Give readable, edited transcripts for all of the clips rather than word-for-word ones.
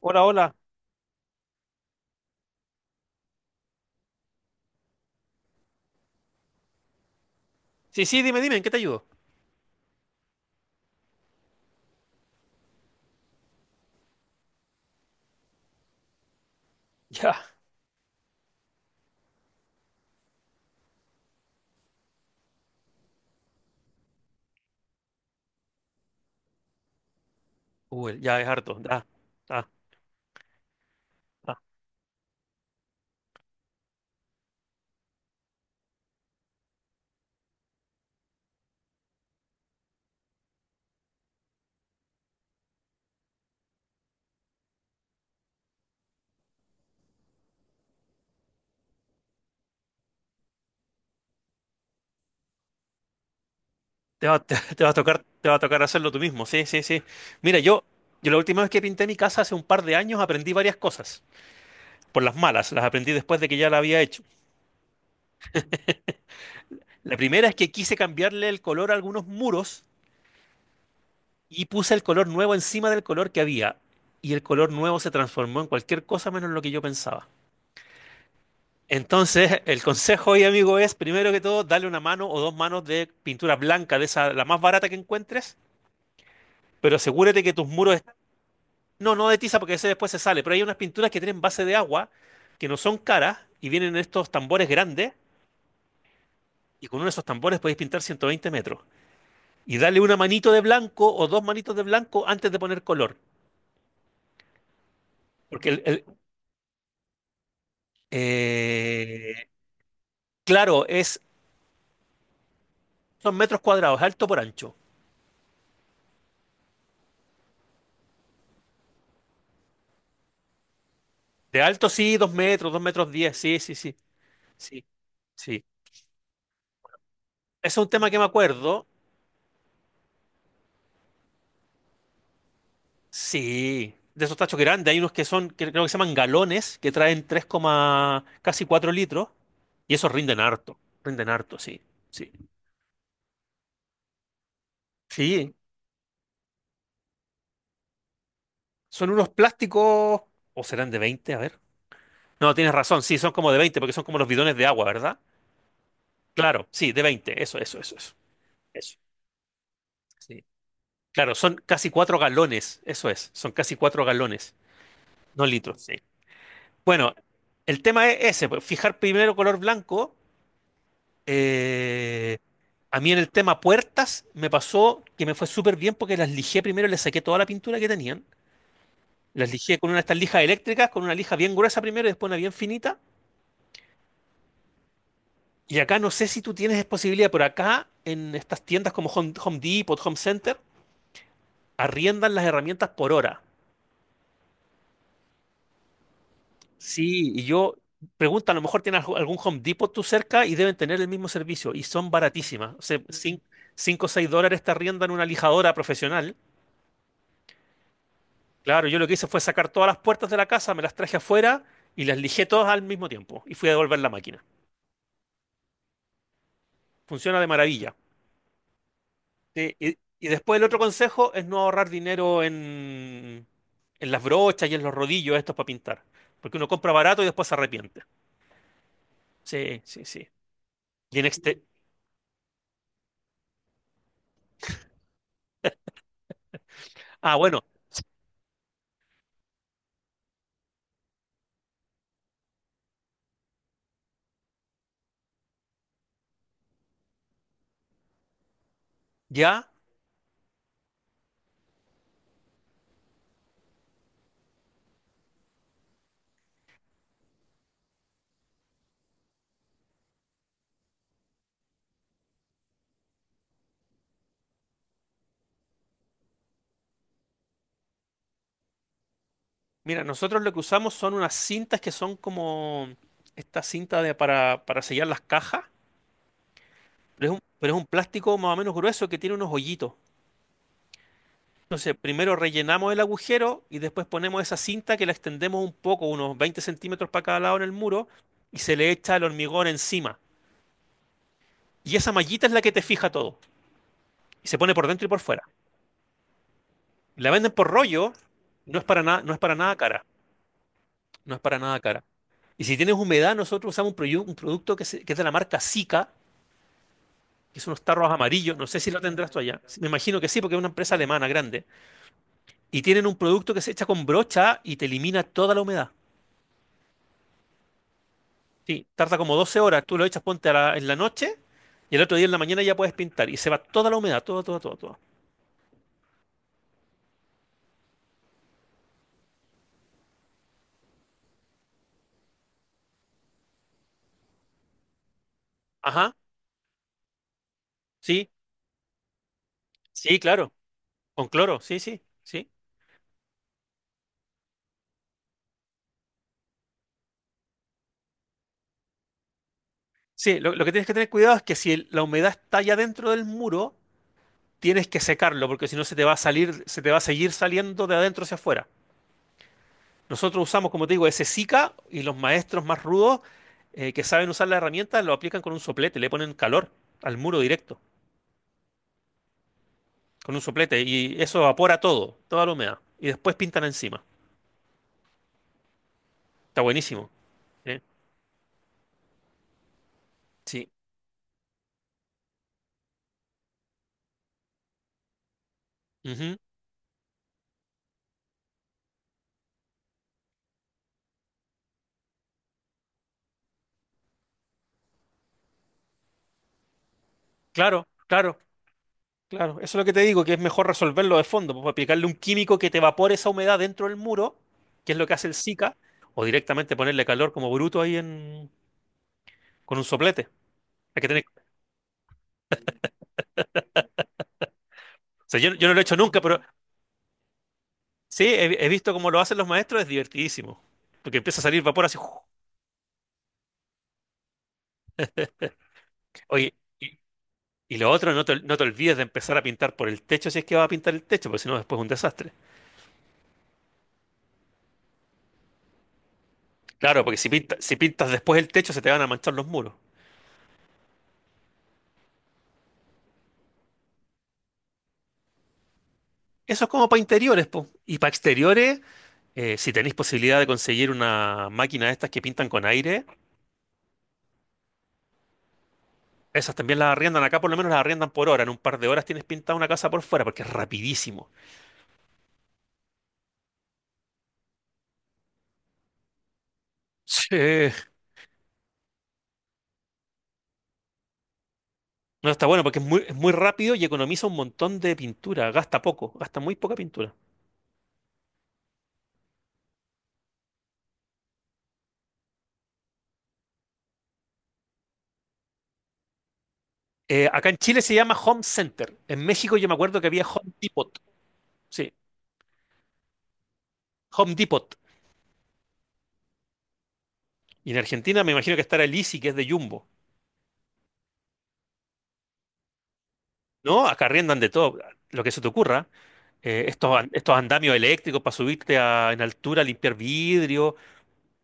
Hola, hola. Sí, sí, dime, dime, ¿en qué te ayudo? Ya, Google, ya es harto. Da, da, da. Te va a tocar te va a tocar hacerlo tú mismo. Sí, sí, sí. Mira, yo la última vez que pinté mi casa hace un par de años aprendí varias cosas. Por las malas, las aprendí después de que ya la había hecho. La primera es que quise cambiarle el color a algunos muros y puse el color nuevo encima del color que había. Y el color nuevo se transformó en cualquier cosa menos lo que yo pensaba. Entonces, el consejo hoy, amigo, es primero que todo, dale una mano o dos manos de pintura blanca, de esa, la más barata que encuentres, pero asegúrate que tus muros No, no de tiza porque ese después se sale, pero hay unas pinturas que tienen base de agua, que no son caras, y vienen en estos tambores grandes, y con uno de esos tambores podéis pintar 120 metros. Y dale una manito de blanco o dos manitos de blanco antes de poner color. Porque el, el- eh, claro, es, son metros cuadrados, alto por ancho. De alto sí, dos metros diez, sí, sí, sí. Sí, sí. Ese es un tema que me acuerdo. Sí, de esos tachos grandes. Hay unos que son, que creo que se llaman galones, que traen casi 4 litros. Y esos rinden harto. Rinden harto, sí. Sí. Sí. Son unos plásticos. ¿O serán de veinte? A ver. No, tienes razón. Sí, son como de 20 porque son como los bidones de agua, ¿verdad? Claro, sí, de 20. Eso, eso, eso, eso. Eso. Sí. Claro, son casi 4 galones. Eso es. Son casi 4 galones. No litros. Sí. Bueno, el tema es ese, pues, fijar primero color blanco. eh, a mí en el tema puertas me pasó que me fue súper bien porque las lijé primero, les saqué toda la pintura que tenían. Las lijé con una de estas lijas eléctricas, con una lija bien gruesa primero y después una bien finita. Y acá no sé si tú tienes posibilidad, pero acá en estas tiendas como Home, Home Depot, Home Center, arriendan las herramientas por hora. Sí, y yo pregunta, a lo mejor tienen algún Home Depot tú cerca y deben tener el mismo servicio y son baratísimas. O sea, 5 o 6 dólares te arriendan una lijadora profesional. Claro, yo lo que hice fue sacar todas las puertas de la casa, me las traje afuera y las lijé todas al mismo tiempo y fui a devolver la máquina. Funciona de maravilla. Sí, y después el otro consejo es no ahorrar dinero en las brochas y en los rodillos estos para pintar, porque uno compra barato y después se arrepiente. Sí, sí, sí. Y en este... Ah, bueno, ya. Mira, nosotros lo que usamos son unas cintas que son como esta cinta de, para sellar las cajas, pero es un plástico más o menos grueso que tiene unos hoyitos. Entonces, primero rellenamos el agujero y después ponemos esa cinta que la extendemos un poco, unos 20 centímetros para cada lado en el muro, y se le echa el hormigón encima. Y esa mallita es la que te fija todo. Y se pone por dentro y por fuera. La venden por rollo, no es para nada cara. No es para nada cara. Y si tienes humedad, nosotros usamos un, un producto que, que es de la marca Sika, que son unos tarros amarillos, no sé si lo tendrás tú allá, me imagino que sí, porque es una empresa alemana grande, y tienen un producto que se echa con brocha y te elimina toda la humedad. Sí, tarda como 12 horas, tú lo echas, ponte en la noche, y el otro día en la mañana ya puedes pintar, y se va toda la humedad, toda, toda, toda, toda. Ajá, sí, sí, claro, con cloro, sí, sí, sí. Sí, lo que tienes que tener cuidado es que si la humedad está ya dentro del muro, tienes que secarlo, porque si no se te va a salir, se te va a seguir saliendo de adentro hacia afuera. Nosotros usamos, como te digo, ese Zika, y los maestros más rudos que saben usar la herramienta lo aplican con un soplete, le ponen calor al muro directo, con un soplete y eso evapora todo, toda la humedad. Y después pintan encima. Está buenísimo. ¿Eh? Sí. Ujú. Claro, claro, claro. Eso es lo que te digo, que es mejor resolverlo de fondo, pues aplicarle un químico que te evapore esa humedad dentro del muro, que es lo que hace el Zika, o directamente ponerle calor como bruto ahí en, con un soplete. Hay que tener... O sea, yo no lo he hecho nunca, pero sí, he visto cómo lo hacen los maestros, es divertidísimo. Porque empieza a salir vapor así. ¡Uf! Oye, y, y lo otro, no te olvides de empezar a pintar por el techo si es que vas a pintar el techo, porque si no, después es un desastre. Claro, porque si pintas después el techo, se te van a manchar los muros. Eso es como para interiores, po. Y para exteriores, si tenéis posibilidad de conseguir una máquina de estas que pintan con aire, esas también las arriendan. Acá por lo menos las arriendan por hora. En un par de horas tienes pintada una casa por fuera, porque es rapidísimo. Sí. No, está bueno porque es muy rápido y economiza un montón de pintura, gasta poco, gasta muy poca pintura. Acá en Chile se llama Home Center. En México yo me acuerdo que había Home Depot. Sí, Home Depot. Y en Argentina me imagino que estará el Easy, que es de Jumbo. No, acá arriendan de todo, lo que se te ocurra. Estos, estos andamios eléctricos para subirte en altura, limpiar vidrio.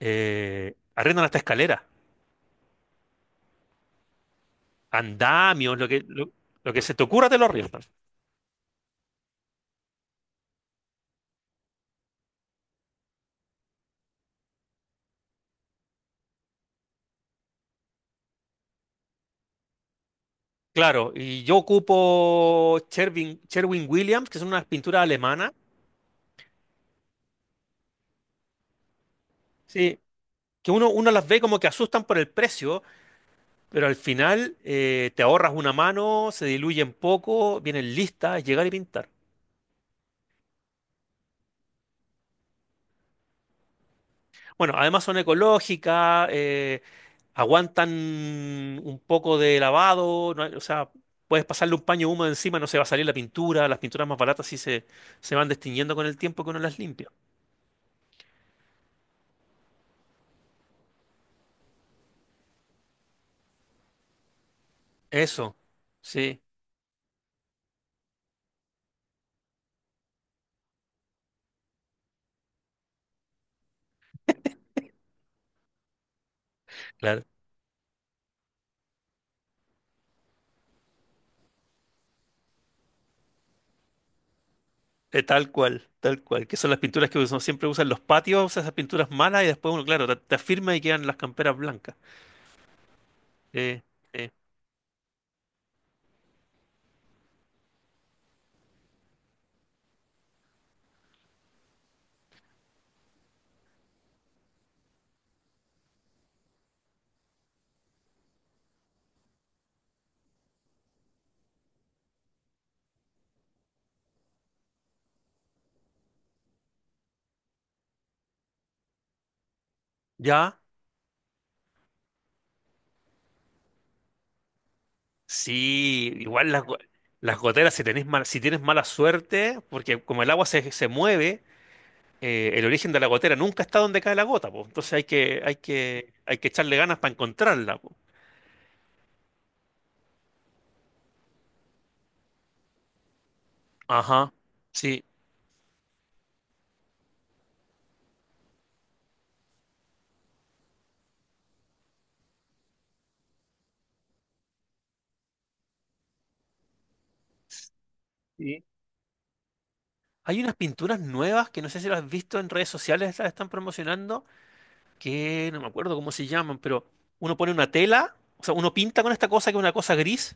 Eh, arriendan hasta escaleras, andamios, lo que se te ocurra te lo arriendan. Claro, y yo ocupo Sherwin, Sherwin Williams, que son unas pinturas alemanas, sí, que uno las ve como que asustan por el precio, pero al final te ahorras una mano, se diluyen poco, vienen listas, es llegar y pintar. Bueno, además son ecológicas, aguantan un poco de lavado, no hay- o sea, puedes pasarle un paño húmedo encima, no se va a salir la pintura, las pinturas más baratas sí se van destiñendo con el tiempo que uno las limpia. Eso, sí, claro. Tal cual, que son las pinturas que uno siempre usa en los patios, usa esas pinturas malas y después uno, claro, te afirma y quedan las camperas blancas. Eh, eh, ya, sí, igual las, las goteras, si si tienes mala suerte, porque como el agua se mueve, el origen de la gotera nunca está donde cae la gota, po. Entonces hay que, hay que, hay que echarle ganas para encontrarla, po. Ajá, sí. Sí. Hay unas pinturas nuevas que no sé si las has visto en redes sociales, las están promocionando, que no me acuerdo cómo se llaman, pero uno pone una tela, o sea, uno pinta con esta cosa que es una cosa gris,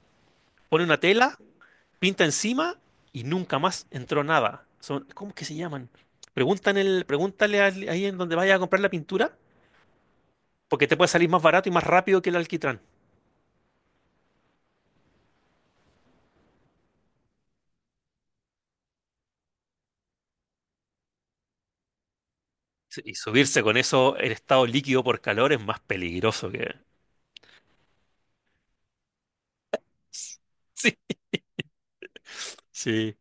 pone una tela, pinta encima y nunca más entró nada. Son, ¿cómo es que se llaman? Preguntan el, ahí en donde vaya a comprar la pintura, porque te puede salir más barato y más rápido que el alquitrán. Sí. Y subirse con eso en estado líquido por calor es más peligroso que... Sí, sí,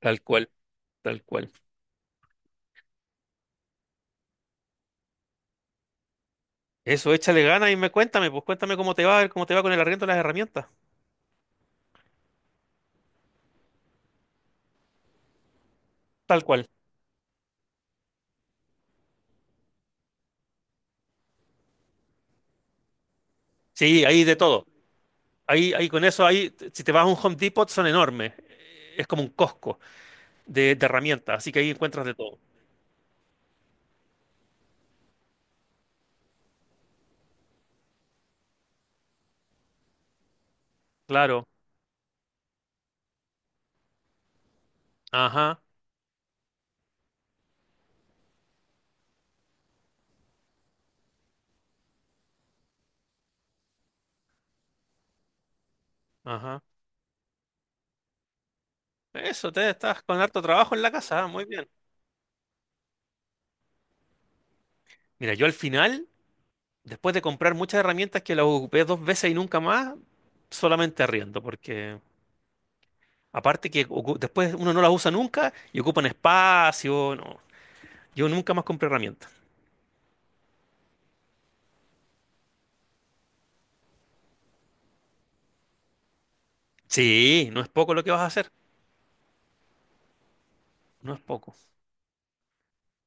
tal cual, tal cual. Eso, échale ganas y me cuéntame, pues cuéntame cómo te va con el arriendo de las herramientas. Tal cual. Sí, hay de todo. Ahí, ahí con eso, ahí, si te vas a un Home Depot, son enormes. Es como un Costco de herramientas, así que ahí encuentras de todo. Claro. Ajá, ajá. Eso, te estás con harto trabajo en la casa, ah, muy bien. Mira, yo al final, después de comprar muchas herramientas que las ocupé dos veces y nunca más, solamente arriendo, porque aparte que después uno no las usa nunca y ocupan espacio, no. Yo nunca más compré herramientas. Sí, no es poco lo que vas a hacer, no es poco.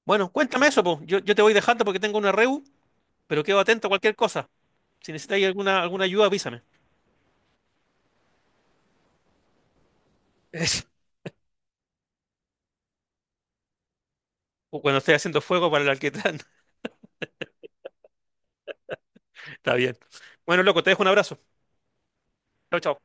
Bueno, cuéntame eso, pues. Yo te voy dejando porque tengo una reu, pero quedo atento a cualquier cosa. Si necesitáis alguna, alguna ayuda, avísame. O cuando esté haciendo fuego para el alquitrán. Está bien. Bueno, loco, te dejo un abrazo. Chao, chao.